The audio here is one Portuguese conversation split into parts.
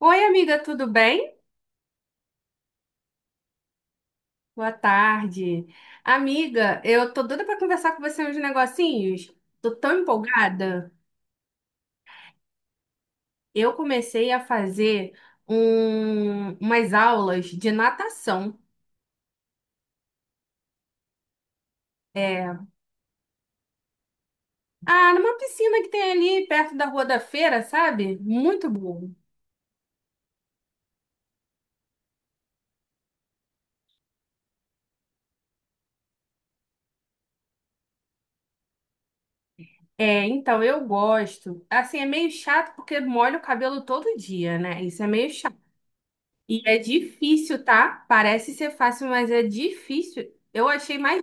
Oi, amiga, tudo bem? Boa tarde. Amiga, eu tô doida pra conversar com você uns negocinhos. Tô tão empolgada. Eu comecei a fazer umas aulas de natação. É, ah, numa piscina que tem ali perto da Rua da Feira, sabe? Muito bom. É, então eu gosto. Assim, é meio chato porque molho o cabelo todo dia, né? Isso é meio chato. E é difícil, tá? Parece ser fácil, mas é difícil.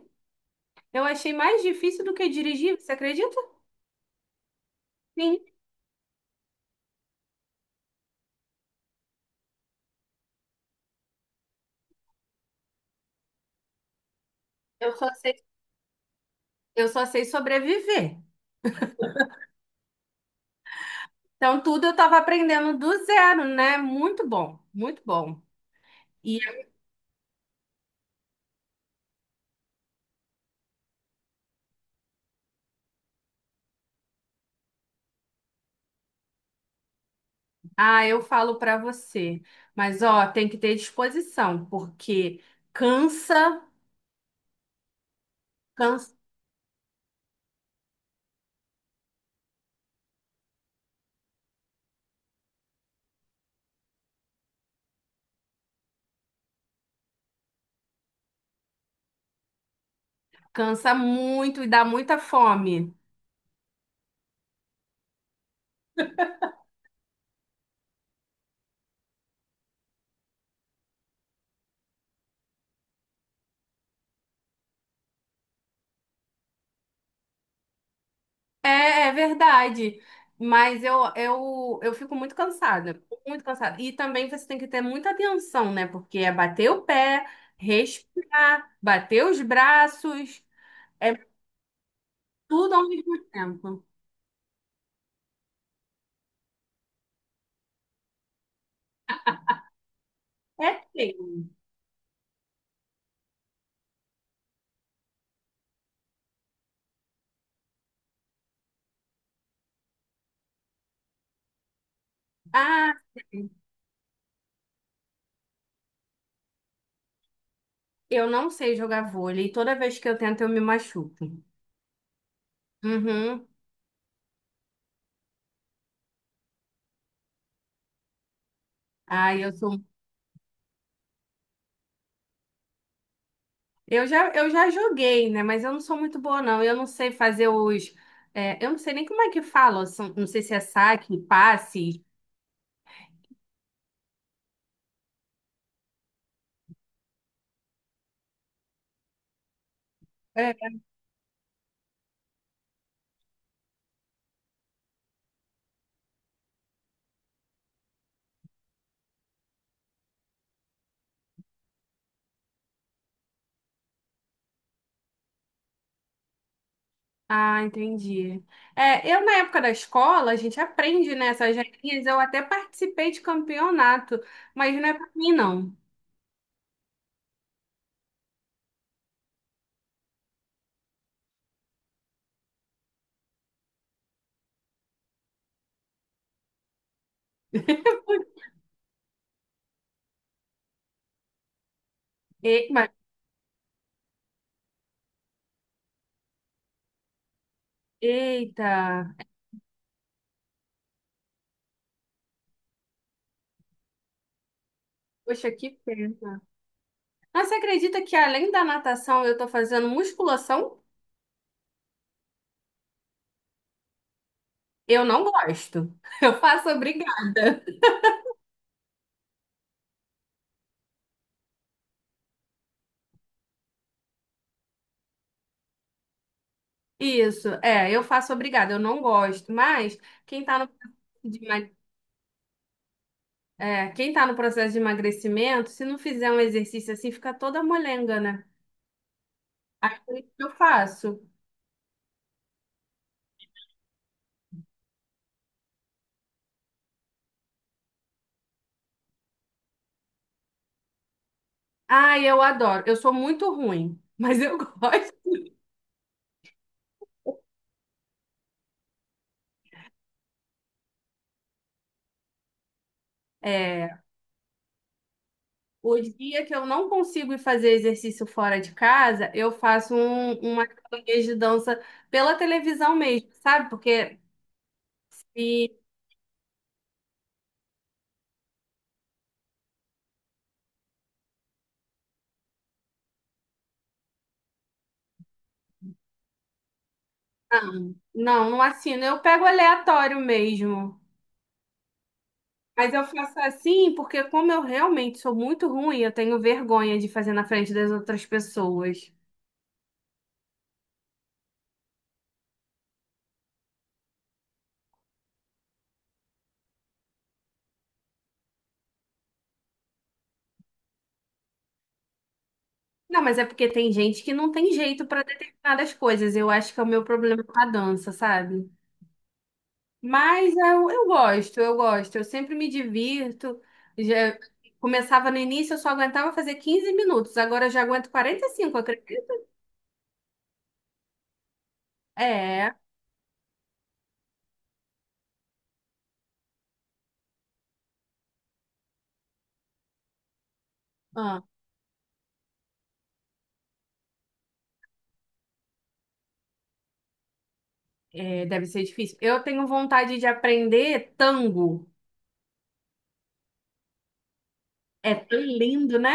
Eu achei mais difícil do que dirigir, você acredita? Sim, eu só sei, eu só sei sobreviver. Então, tudo eu estava aprendendo do zero, né? Muito bom, muito bom. E ah, eu falo para você, mas ó, tem que ter disposição, porque cansa, cansa, cansa muito e dá muita fome. É, é verdade. Mas eu fico muito cansada, muito cansada. E também você tem que ter muita atenção, né? Porque é bater o pé, respirar, bater os braços, é tudo ao mesmo tempo. É feio. Ah, eu não sei jogar vôlei. Toda vez que eu tento, eu me machuco. Uhum. Ah, eu sou. Eu já joguei, né? Mas eu não sou muito boa, não. Eu não sei fazer os. É, eu não sei nem como é que fala. Não sei se é saque, passe. Ah, entendi. É, eu na época da escola, a gente aprende, né, essas regrinhas. Eu até participei de campeonato, mas não é pra mim, não. E- mas- Eita, poxa, que pena. Mas você acredita que além da natação eu tô fazendo musculação? Eu não gosto. Eu faço obrigada. Isso, é, eu faço obrigada, eu não gosto. Mas quem tá no, de emag- é, quem tá no processo de emagrecimento, se não fizer um exercício assim, fica toda molenga, né? Acredito que eu faço. Ai, eu adoro. Eu sou muito ruim, mas eu gosto. É, o dia que eu não consigo ir fazer exercício fora de casa, uma academia de dança pela televisão mesmo, sabe? Porque se- não, não assino. Eu pego aleatório mesmo. Mas eu faço assim porque como eu realmente sou muito ruim, eu tenho vergonha de fazer na frente das outras pessoas. Não, mas é porque tem gente que não tem jeito para determinadas coisas. Eu acho que é o meu problema com a dança, sabe? Mas eu gosto, eu gosto. Eu sempre me divirto. Já começava no início, eu só aguentava fazer 15 minutos. Agora eu já aguento 45, acredita? É, ah, deve ser difícil. Eu tenho vontade de aprender tango. É tão lindo, né?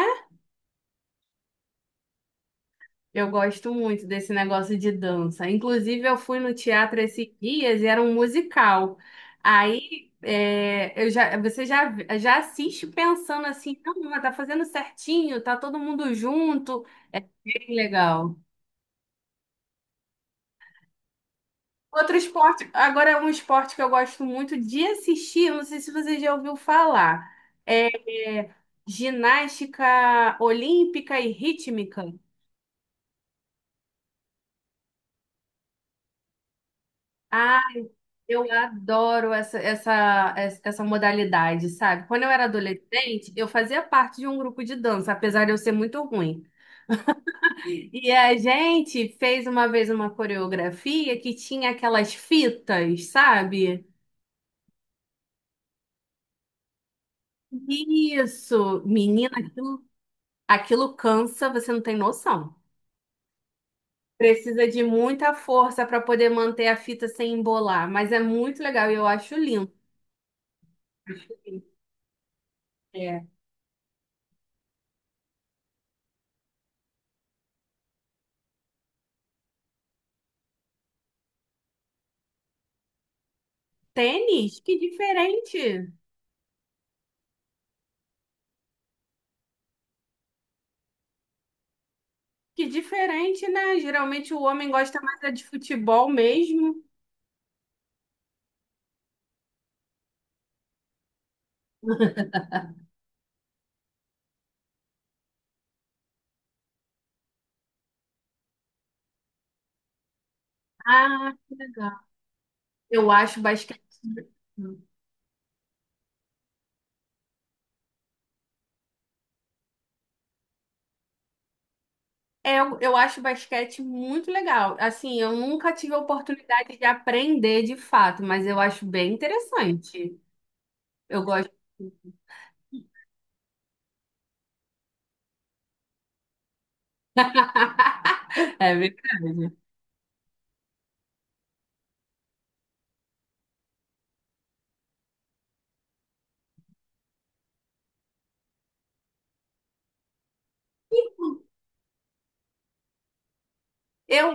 Eu gosto muito desse negócio de dança. Inclusive, eu fui no teatro esses dias e era um musical. Aí, é, eu já, você já, já assiste pensando assim, não, mas tá fazendo certinho, tá todo mundo junto. É bem legal. Outro esporte, agora é um esporte que eu gosto muito de assistir, eu não sei se você já ouviu falar. É, é, ginástica olímpica e rítmica. Ah. Eu adoro essa essa modalidade, sabe? Quando eu era adolescente, eu fazia parte de um grupo de dança, apesar de eu ser muito ruim. E a gente fez uma vez uma coreografia que tinha aquelas fitas, sabe? Isso, menina, aquilo cansa, você não tem noção. Precisa de muita força para poder manter a fita sem embolar, mas é muito legal e eu acho lindo. É. Tênis, que diferente! Que diferente, né? Geralmente o homem gosta mais é de futebol mesmo. Ah, que legal. Eu acho basquete. Eu acho basquete muito legal. Assim, eu nunca tive a oportunidade de aprender de fato, mas eu acho bem interessante. Eu gosto. É verdade. Eu,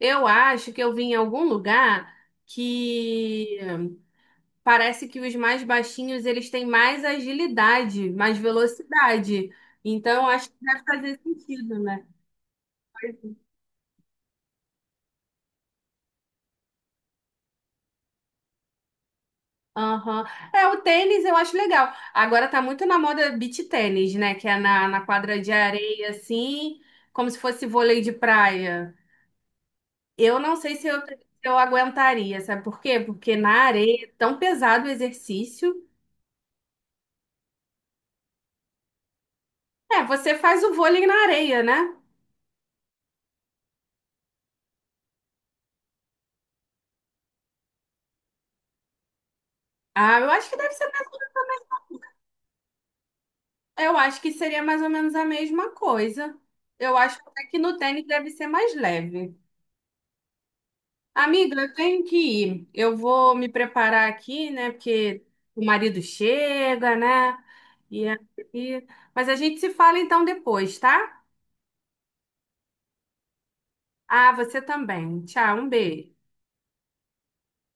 eu acho que eu vim em algum lugar que parece que os mais baixinhos eles têm mais agilidade, mais velocidade. Então, acho que deve fazer sentido, né? Aham. É, o tênis eu acho legal. Agora tá muito na moda beach tênis, né? Que é na quadra de areia, assim, como se fosse vôlei de praia. Eu não sei se eu aguentaria, sabe por quê? Porque na areia é tão pesado o exercício. É, você faz o vôlei na areia, né? Ah, eu acho que deve ser. Eu acho que seria mais ou menos a mesma coisa. Eu acho até que no tênis deve ser mais leve. Amiga, eu tenho que ir. Eu vou me preparar aqui, né? Porque o marido chega, né? E aí... Mas a gente se fala então depois, tá? Ah, você também. Tchau, um beijo.